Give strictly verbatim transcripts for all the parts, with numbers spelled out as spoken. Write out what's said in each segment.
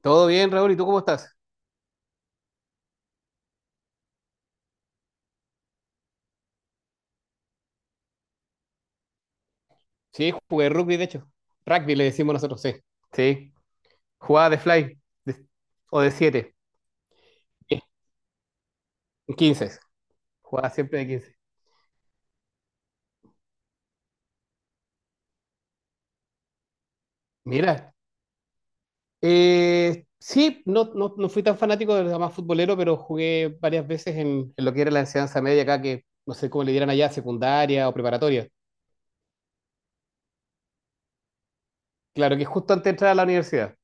Todo bien, Raúl, ¿y tú cómo estás? Sí, jugué rugby, de hecho. Rugby le decimos nosotros, sí. Sí. Jugaba de fly de- o de siete, quince. Jugaba siempre de quince. Mira, eh, sí, no, no, no fui tan fanático del más futbolero, pero jugué varias veces en, en lo que era la enseñanza media acá, que no sé cómo le dieran allá, secundaria o preparatoria. Claro, que justo antes de entrar a la universidad.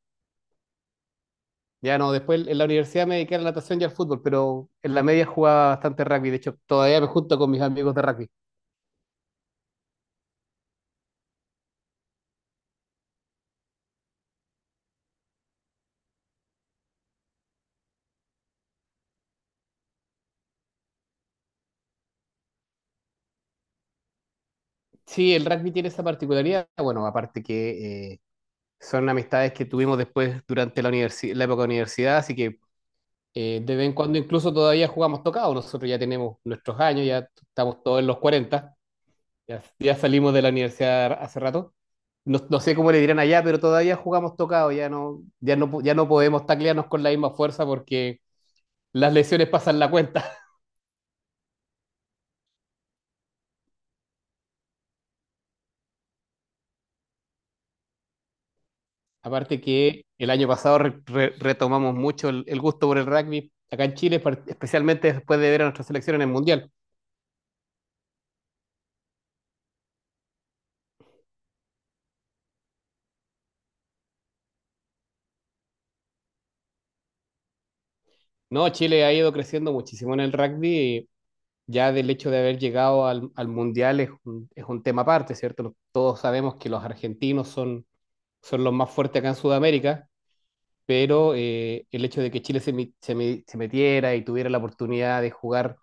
Ya no, después en la universidad me dediqué a la natación y al fútbol, pero en la media jugaba bastante rugby. De hecho, todavía me junto con mis amigos de rugby. Sí, el rugby tiene esa particularidad. Bueno, aparte que eh, son amistades que tuvimos después durante la, universi- la época de universidad, así que eh, de vez en cuando incluso todavía jugamos tocado. Nosotros ya tenemos nuestros años, ya estamos todos en los cuarenta, ya, ya salimos de la universidad hace rato. No, no sé cómo le dirán allá, pero todavía jugamos tocado, ya no, ya no, po- ya no podemos taclearnos con la misma fuerza porque las lesiones pasan la cuenta. Aparte que el año pasado re- re- retomamos mucho el, el gusto por el rugby acá en Chile, par- especialmente después de ver a nuestra selección en el Mundial. No, Chile ha ido creciendo muchísimo en el rugby y Ya del hecho de haber llegado al, al Mundial es un, es un tema aparte, ¿cierto? Lo- Todos sabemos que los argentinos son, son los más fuertes acá en Sudamérica, pero eh, el hecho de que Chile se, mi- se mi- se metiera y tuviera la oportunidad de jugar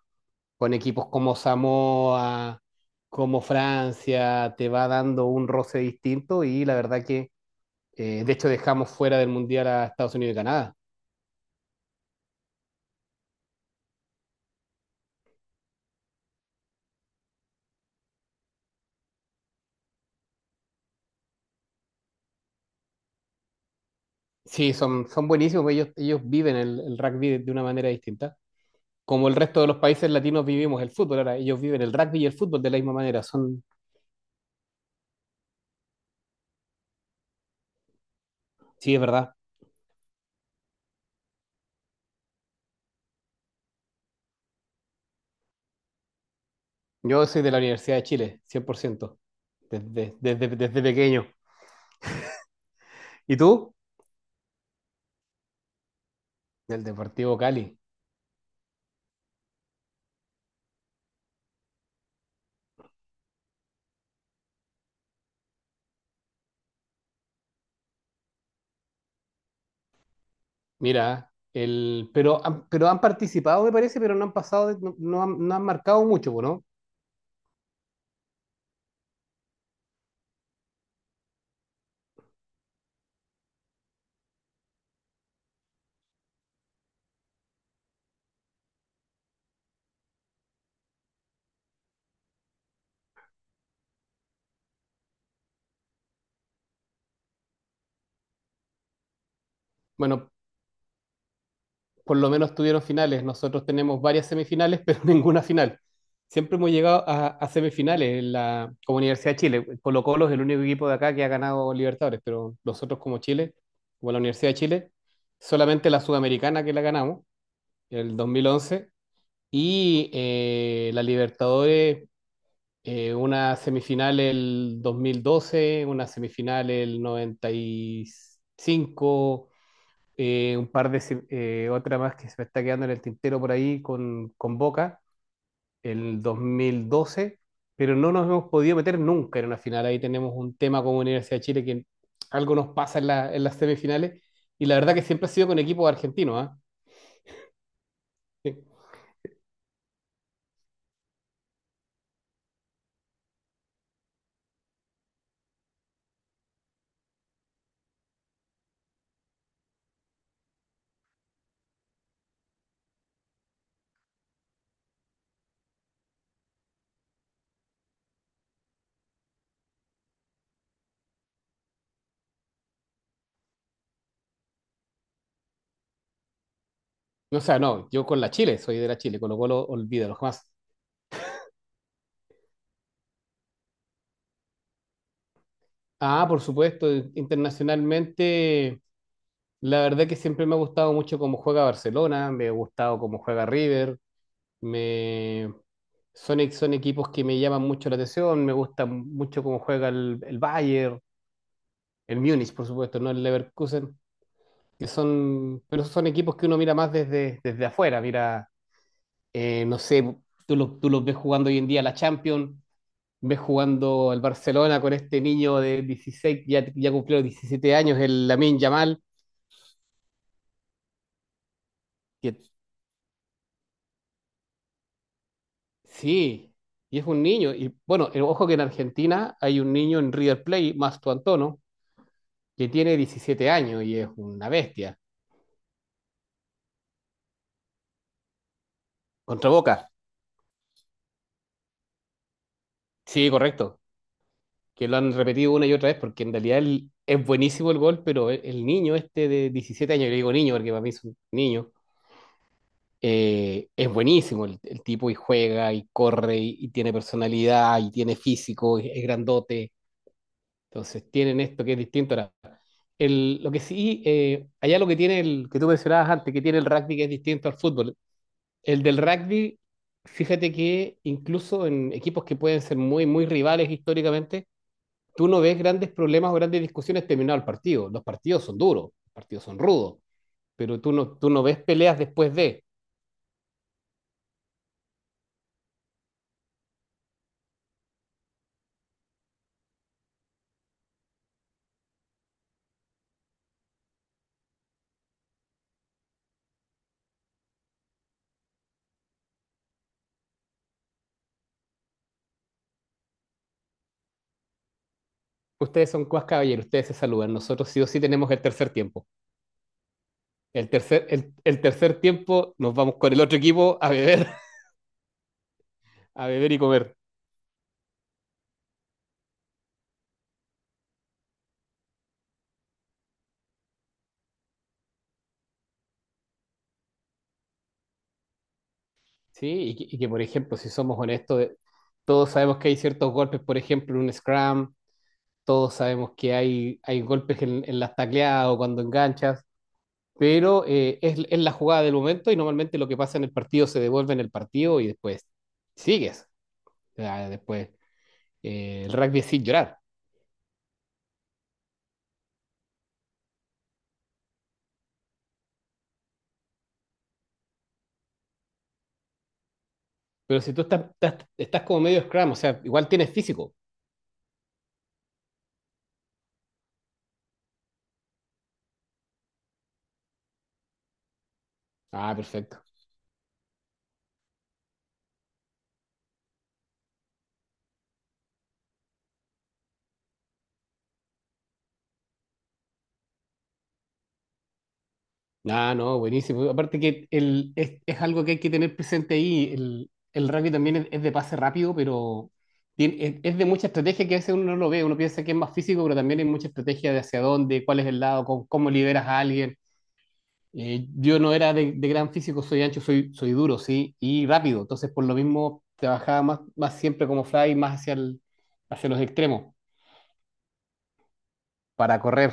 con equipos como Samoa, como Francia, te va dando un roce distinto y la verdad que, eh, de hecho, dejamos fuera del Mundial a Estados Unidos y Canadá. Sí, son, son buenísimos, pues ellos, ellos viven el, el rugby de una manera distinta. Como el resto de los países latinos vivimos el fútbol, ahora ellos viven el rugby y el fútbol de la misma manera. Son, sí, es verdad. Yo soy de la Universidad de Chile, cien por ciento desde, desde, desde pequeño. ¿Y tú? Del Deportivo Cali. Mira, el, pero, han- pero han participado, me parece, pero no han pasado, de- no, no han, no han marcado mucho, ¿no? Bueno, por lo menos tuvieron finales. Nosotros tenemos varias semifinales, pero ninguna final. Siempre hemos llegado a, a semifinales en la, como Universidad de Chile. Colo-Colo es el único equipo de acá que ha ganado Libertadores, pero nosotros como Chile, como la Universidad de Chile, solamente la Sudamericana que la ganamos, el dos mil once y eh, la Libertadores. Eh, una semifinal el dos mil doce, una semifinal el noventa y cinco, eh, un par de, se- eh, otra más que se me está quedando en el tintero por ahí con, con Boca, el dos mil doce, pero no nos hemos podido meter nunca en una final. Ahí tenemos un tema como Universidad de Chile que algo nos pasa en, la- en las semifinales y la verdad que siempre ha sido con equipos argentinos, ¿ah? Sí. O sea, no, yo con la Chile, soy de la Chile, con lo cual olvídalo jamás. Ah, por supuesto, internacionalmente la verdad que siempre me ha gustado mucho cómo juega Barcelona, me ha gustado cómo juega River, me... son, e- son equipos que me llaman mucho la atención, me gusta mucho cómo juega el, el Bayern, el Múnich, por supuesto, no el Leverkusen, que son, pero son equipos que uno mira más desde, desde afuera, mira, eh, no sé, tú, lo tú los ves jugando hoy en día la Champions, ves jugando el Barcelona con este niño de dieciséis, ya, ya cumplió diecisiete años, el Lamine Yamal que sí, y es un niño. Y bueno, eh, ojo que en Argentina hay un niño en River Plate, Masto Antono, que tiene diecisiete años y es una bestia. Contra Boca. Sí, correcto. Que lo han repetido una y otra vez porque en realidad el- es buenísimo el gol, pero el, el niño este de diecisiete años, yo le digo niño porque para mí es un niño, eh, es buenísimo el, el tipo y juega y corre y, y tiene personalidad y tiene físico, y es grandote. Entonces tienen esto que es distinto. Ahora, el, lo que sí, eh, allá lo que tiene el que tú mencionabas antes, que tiene el rugby que es distinto al fútbol. El del rugby, fíjate que incluso en equipos que pueden ser muy, muy rivales históricamente, tú no ves grandes problemas o grandes discusiones terminado el partido. Los partidos son duros, los partidos son rudos, pero tú no, tú no ves peleas después de. Ustedes son cuas caballeros, ustedes se saludan. Nosotros sí o sí tenemos el tercer tiempo. El tercer, el, el tercer tiempo nos vamos con el otro equipo a beber, a beber y comer. Sí, y que, y que, por ejemplo, si somos honestos, de- todos sabemos que hay ciertos golpes, por ejemplo, en un scrum, todos sabemos que hay, hay golpes en, en las tacleadas o cuando enganchas, pero eh, es, es la jugada del momento y normalmente lo que pasa en el partido se devuelve en el partido y después sigues. O sea, después eh, el rugby es sin llorar, pero si tú estás, estás, estás como medio scrum, o sea, igual tienes físico. Ah, perfecto. Ah, no, buenísimo. Aparte que el, es, es algo que hay que tener presente ahí. El, el rugby también es, es de pase rápido, pero tiene- es, es de mucha estrategia que a veces uno no lo ve. Uno piensa que es más físico, pero también hay mucha estrategia de hacia dónde, cuál es el lado, cómo, cómo liberas a alguien. Eh, yo no era de, de gran físico, soy ancho, soy, soy duro, sí, y rápido. Entonces, por lo mismo, trabajaba más, más siempre como fly, más hacia el- hacia los extremos para correr.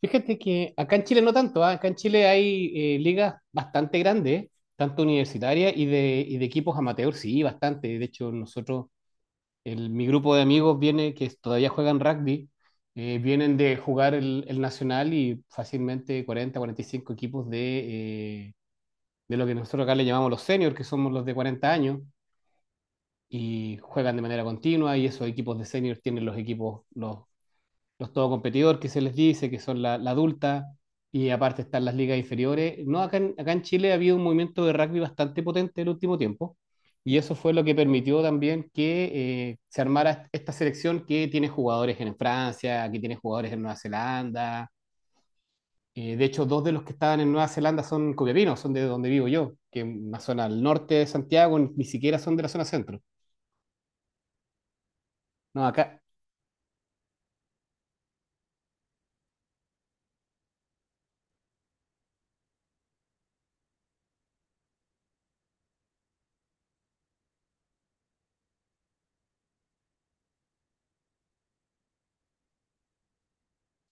Fíjate que acá en Chile no tanto, ¿ah? Acá en Chile hay eh, ligas bastante grandes, tanto universitarias y de, y de equipos amateur sí, bastante. De hecho, nosotros, el- mi grupo de amigos viene, que todavía juegan rugby, eh, vienen de jugar el, el Nacional y fácilmente cuarenta, cuarenta y cinco equipos de, eh, de lo que nosotros acá le llamamos los seniors, que somos los de cuarenta años, y juegan de manera continua y esos equipos de seniors tienen los equipos, los los todo competidor que se les dice, que son la, la adulta, y aparte están las ligas inferiores. No, acá en, acá en Chile ha habido un movimiento de rugby bastante potente en el último tiempo, y eso fue lo que permitió también que eh, se armara esta selección que tiene jugadores en Francia, que tiene jugadores en Nueva Zelanda. Eh, de hecho, dos de los que estaban en Nueva Zelanda son copiapinos, son de donde vivo yo, que es una zona al norte de Santiago, ni siquiera son de la zona centro. No, acá,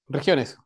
regiones,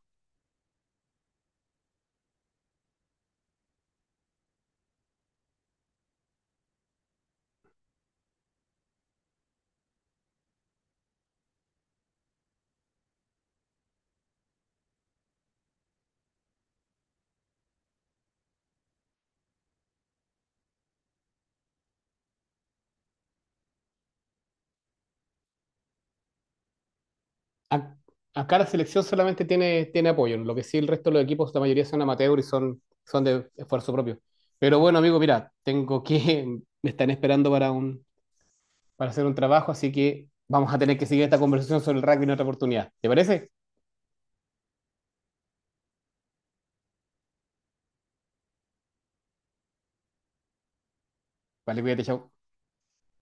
a- acá la selección solamente tiene, tiene apoyo, lo que sí el resto de los equipos, la mayoría son amateur y son, son de esfuerzo propio. Pero bueno, amigo, mira, tengo que, me están esperando para un, para hacer un trabajo, así que vamos a tener que seguir esta conversación sobre el rugby en otra oportunidad. ¿Te parece? Vale, cuídate, chao.